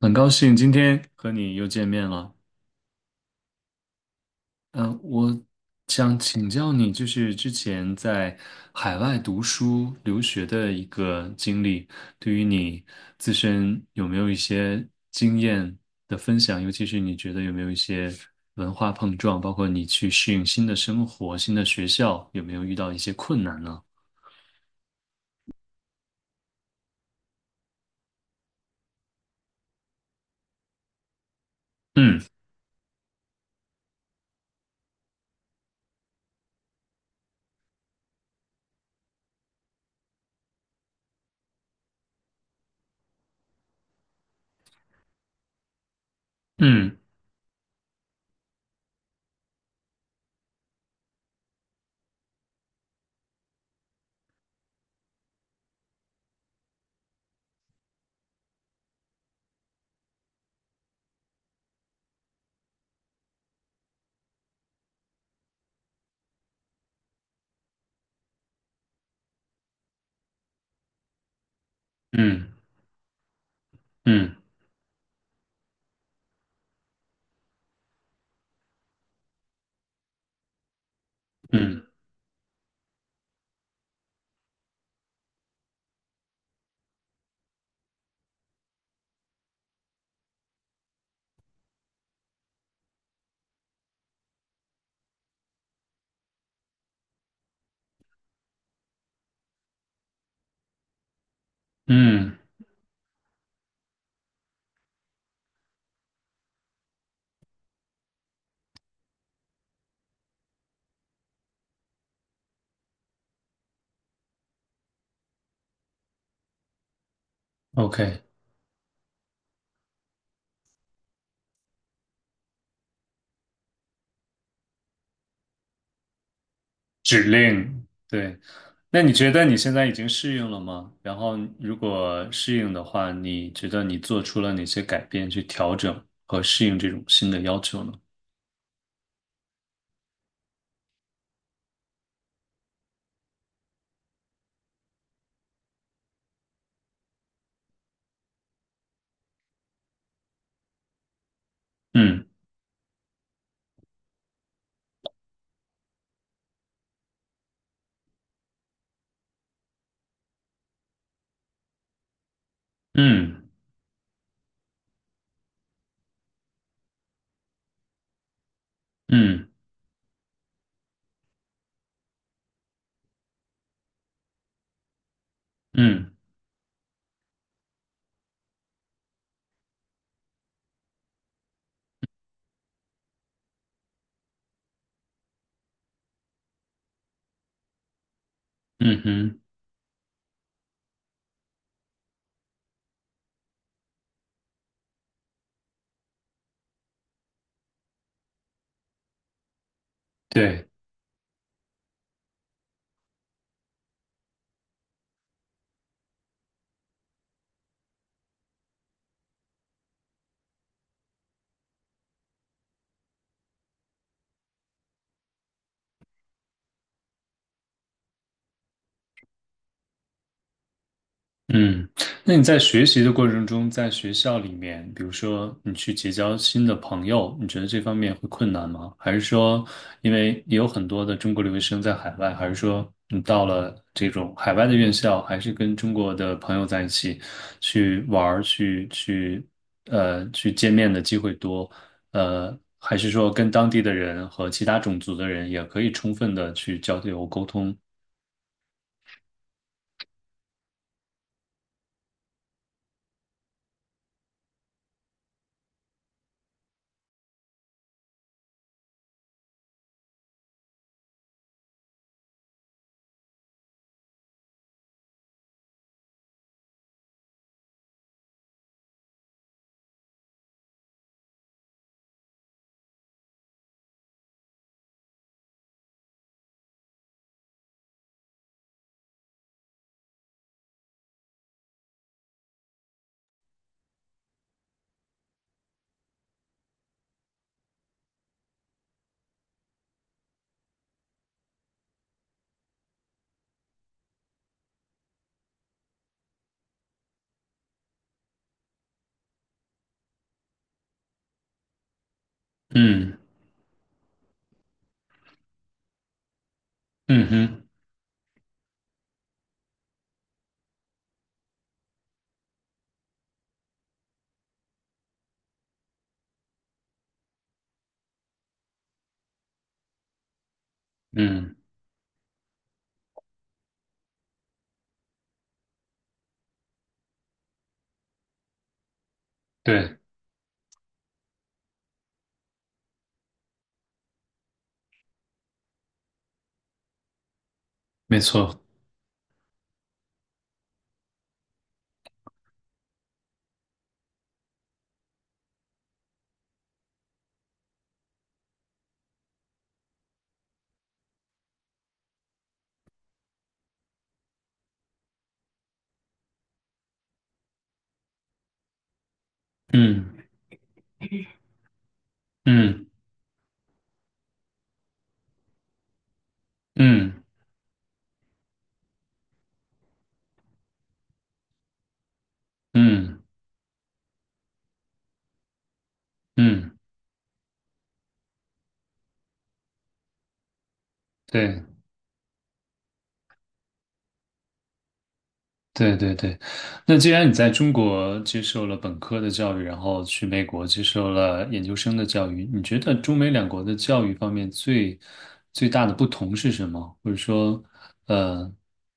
很高兴今天和你又见面了。嗯、我想请教你，就是之前在海外读书留学的一个经历，对于你自身有没有一些经验的分享？尤其是你觉得有没有一些文化碰撞，包括你去适应新的生活、新的学校，有没有遇到一些困难呢？嗯嗯嗯嗯嗯嗯。OK。指令，对。那你觉得你现在已经适应了吗？然后，如果适应的话，你觉得你做出了哪些改变去调整和适应这种新的要求呢？嗯嗯嗯嗯嗯，嗯哼。对。嗯，那你在学习的过程中，在学校里面，比如说你去结交新的朋友，你觉得这方面会困难吗？还是说，因为也有很多的中国留学生在海外，还是说你到了这种海外的院校，还是跟中国的朋友在一起去玩儿、去见面的机会多？还是说跟当地的人和其他种族的人也可以充分的去交流沟通？嗯，嗯哼。嗯。对，没错。嗯嗯嗯嗯嗯，对对对对。那既然你在中国接受了本科的教育，然后去美国接受了研究生的教育，你觉得中美两国的教育方面最最大的不同是什么？或者说，呃，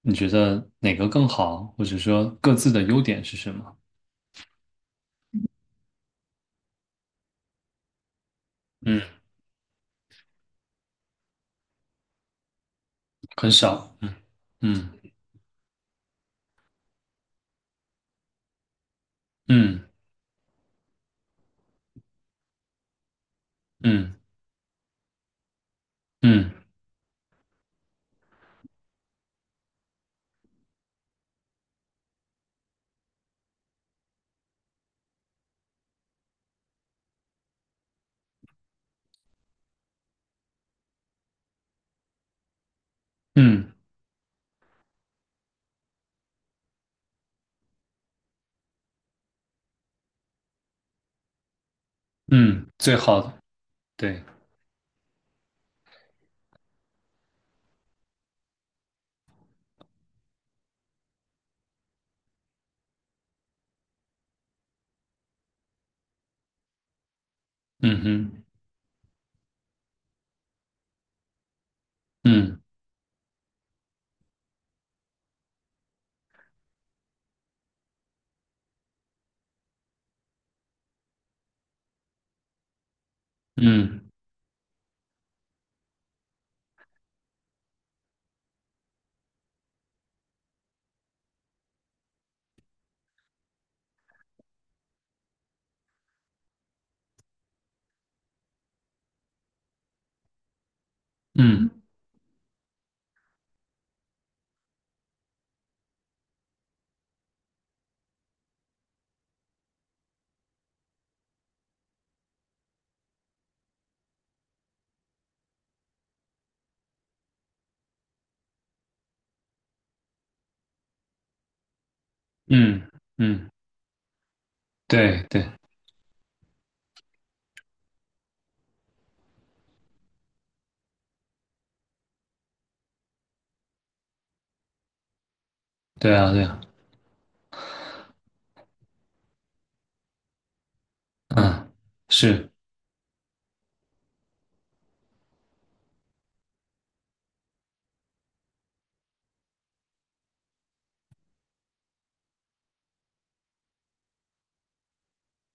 你觉得哪个更好？或者说各自的优点是什么？嗯，很少。嗯嗯嗯嗯嗯嗯嗯，最好的。对。嗯哼。嗯嗯。嗯嗯嗯，对对对啊对啊。嗯，是。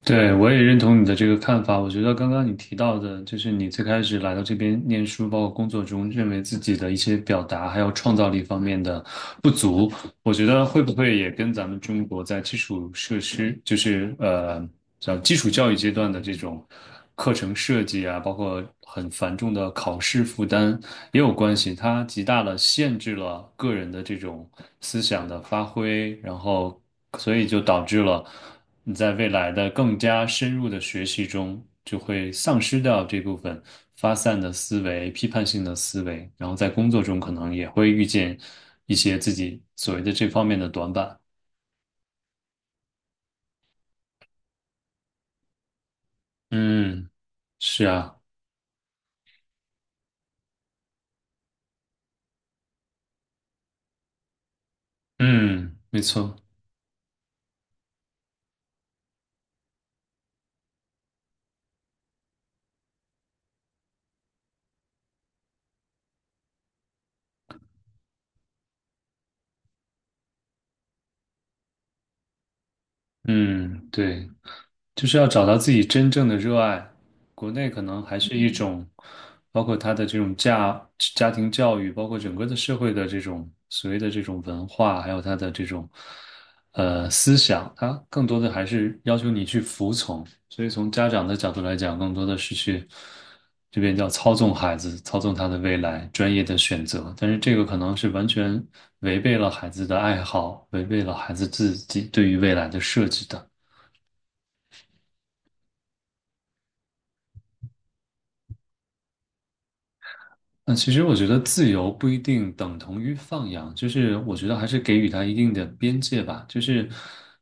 对，我也认同你的这个看法。我觉得刚刚你提到的，就是你最开始来到这边念书，包括工作中，认为自己的一些表达还有创造力方面的不足，我觉得会不会也跟咱们中国在基础设施，就是叫基础教育阶段的这种课程设计啊，包括很繁重的考试负担也有关系。它极大的限制了个人的这种思想的发挥，然后所以就导致了。你在未来的更加深入的学习中，就会丧失掉这部分发散的思维、批判性的思维，然后在工作中可能也会遇见一些自己所谓的这方面的短板。嗯，是啊。嗯，没错。嗯，对。就是要找到自己真正的热爱。国内可能还是一种，包括他的这种家庭教育，包括整个的社会的这种所谓的这种文化，还有他的这种思想，他更多的还是要求你去服从。所以从家长的角度来讲，更多的是去这边叫操纵孩子，操纵他的未来，专业的选择。但是这个可能是完全违背了孩子的爱好，违背了孩子自己对于未来的设计的。那其实我觉得自由不一定等同于放养，就是我觉得还是给予它一定的边界吧。就是，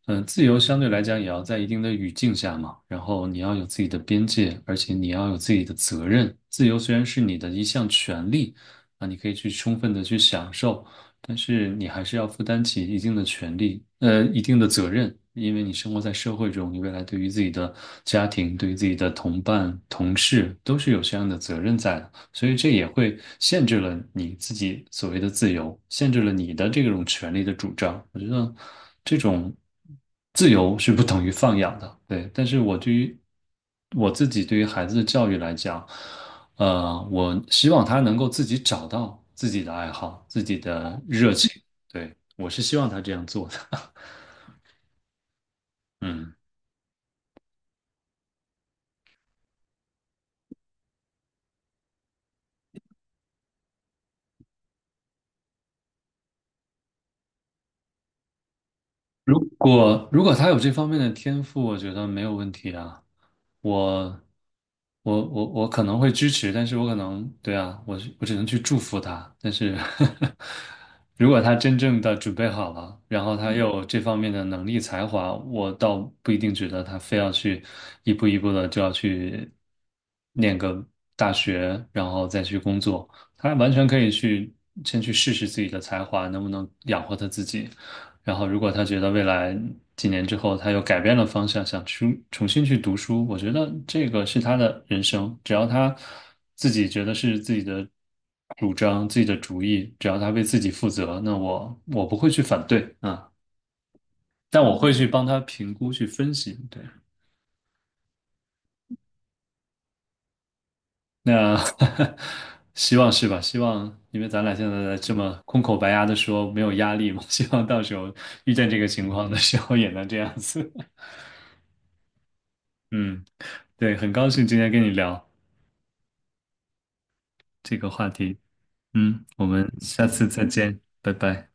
自由相对来讲也要在一定的语境下嘛，然后你要有自己的边界，而且你要有自己的责任。自由虽然是你的一项权利，啊，你可以去充分的去享受，但是你还是要负担起一定的权利，一定的责任，因为你生活在社会中，你未来对于自己的家庭、对于自己的同伴、同事都是有这样的责任在的。所以这也会限制了你自己所谓的自由，限制了你的这种权利的主张。我觉得这种自由是不等于放养的，对。但是我对于我自己对于孩子的教育来讲，我希望他能够自己找到自己的爱好、自己的热情。对，我是希望他这样做的。嗯。如果他有这方面的天赋，我觉得没有问题啊。我我可能会支持，但是我可能对啊，我只能去祝福他。但是 如果他真正的准备好了，然后他又有这方面的能力才华，我倒不一定觉得他非要去一步一步的就要去念个大学，然后再去工作。他完全可以去先去试试自己的才华能不能养活他自己。然后，如果他觉得未来几年之后他又改变了方向，想去重新去读书，我觉得这个是他的人生。只要他自己觉得是自己的主张、自己的主意，只要他为自己负责，那我不会去反对啊，但我会去帮他评估、去分析。对，那 希望是吧？希望因为咱俩现在这么空口白牙的说没有压力嘛，希望到时候遇见这个情况的时候也能这样子。嗯，对，很高兴今天跟你聊。这个话题。嗯，我们下次再见，拜拜。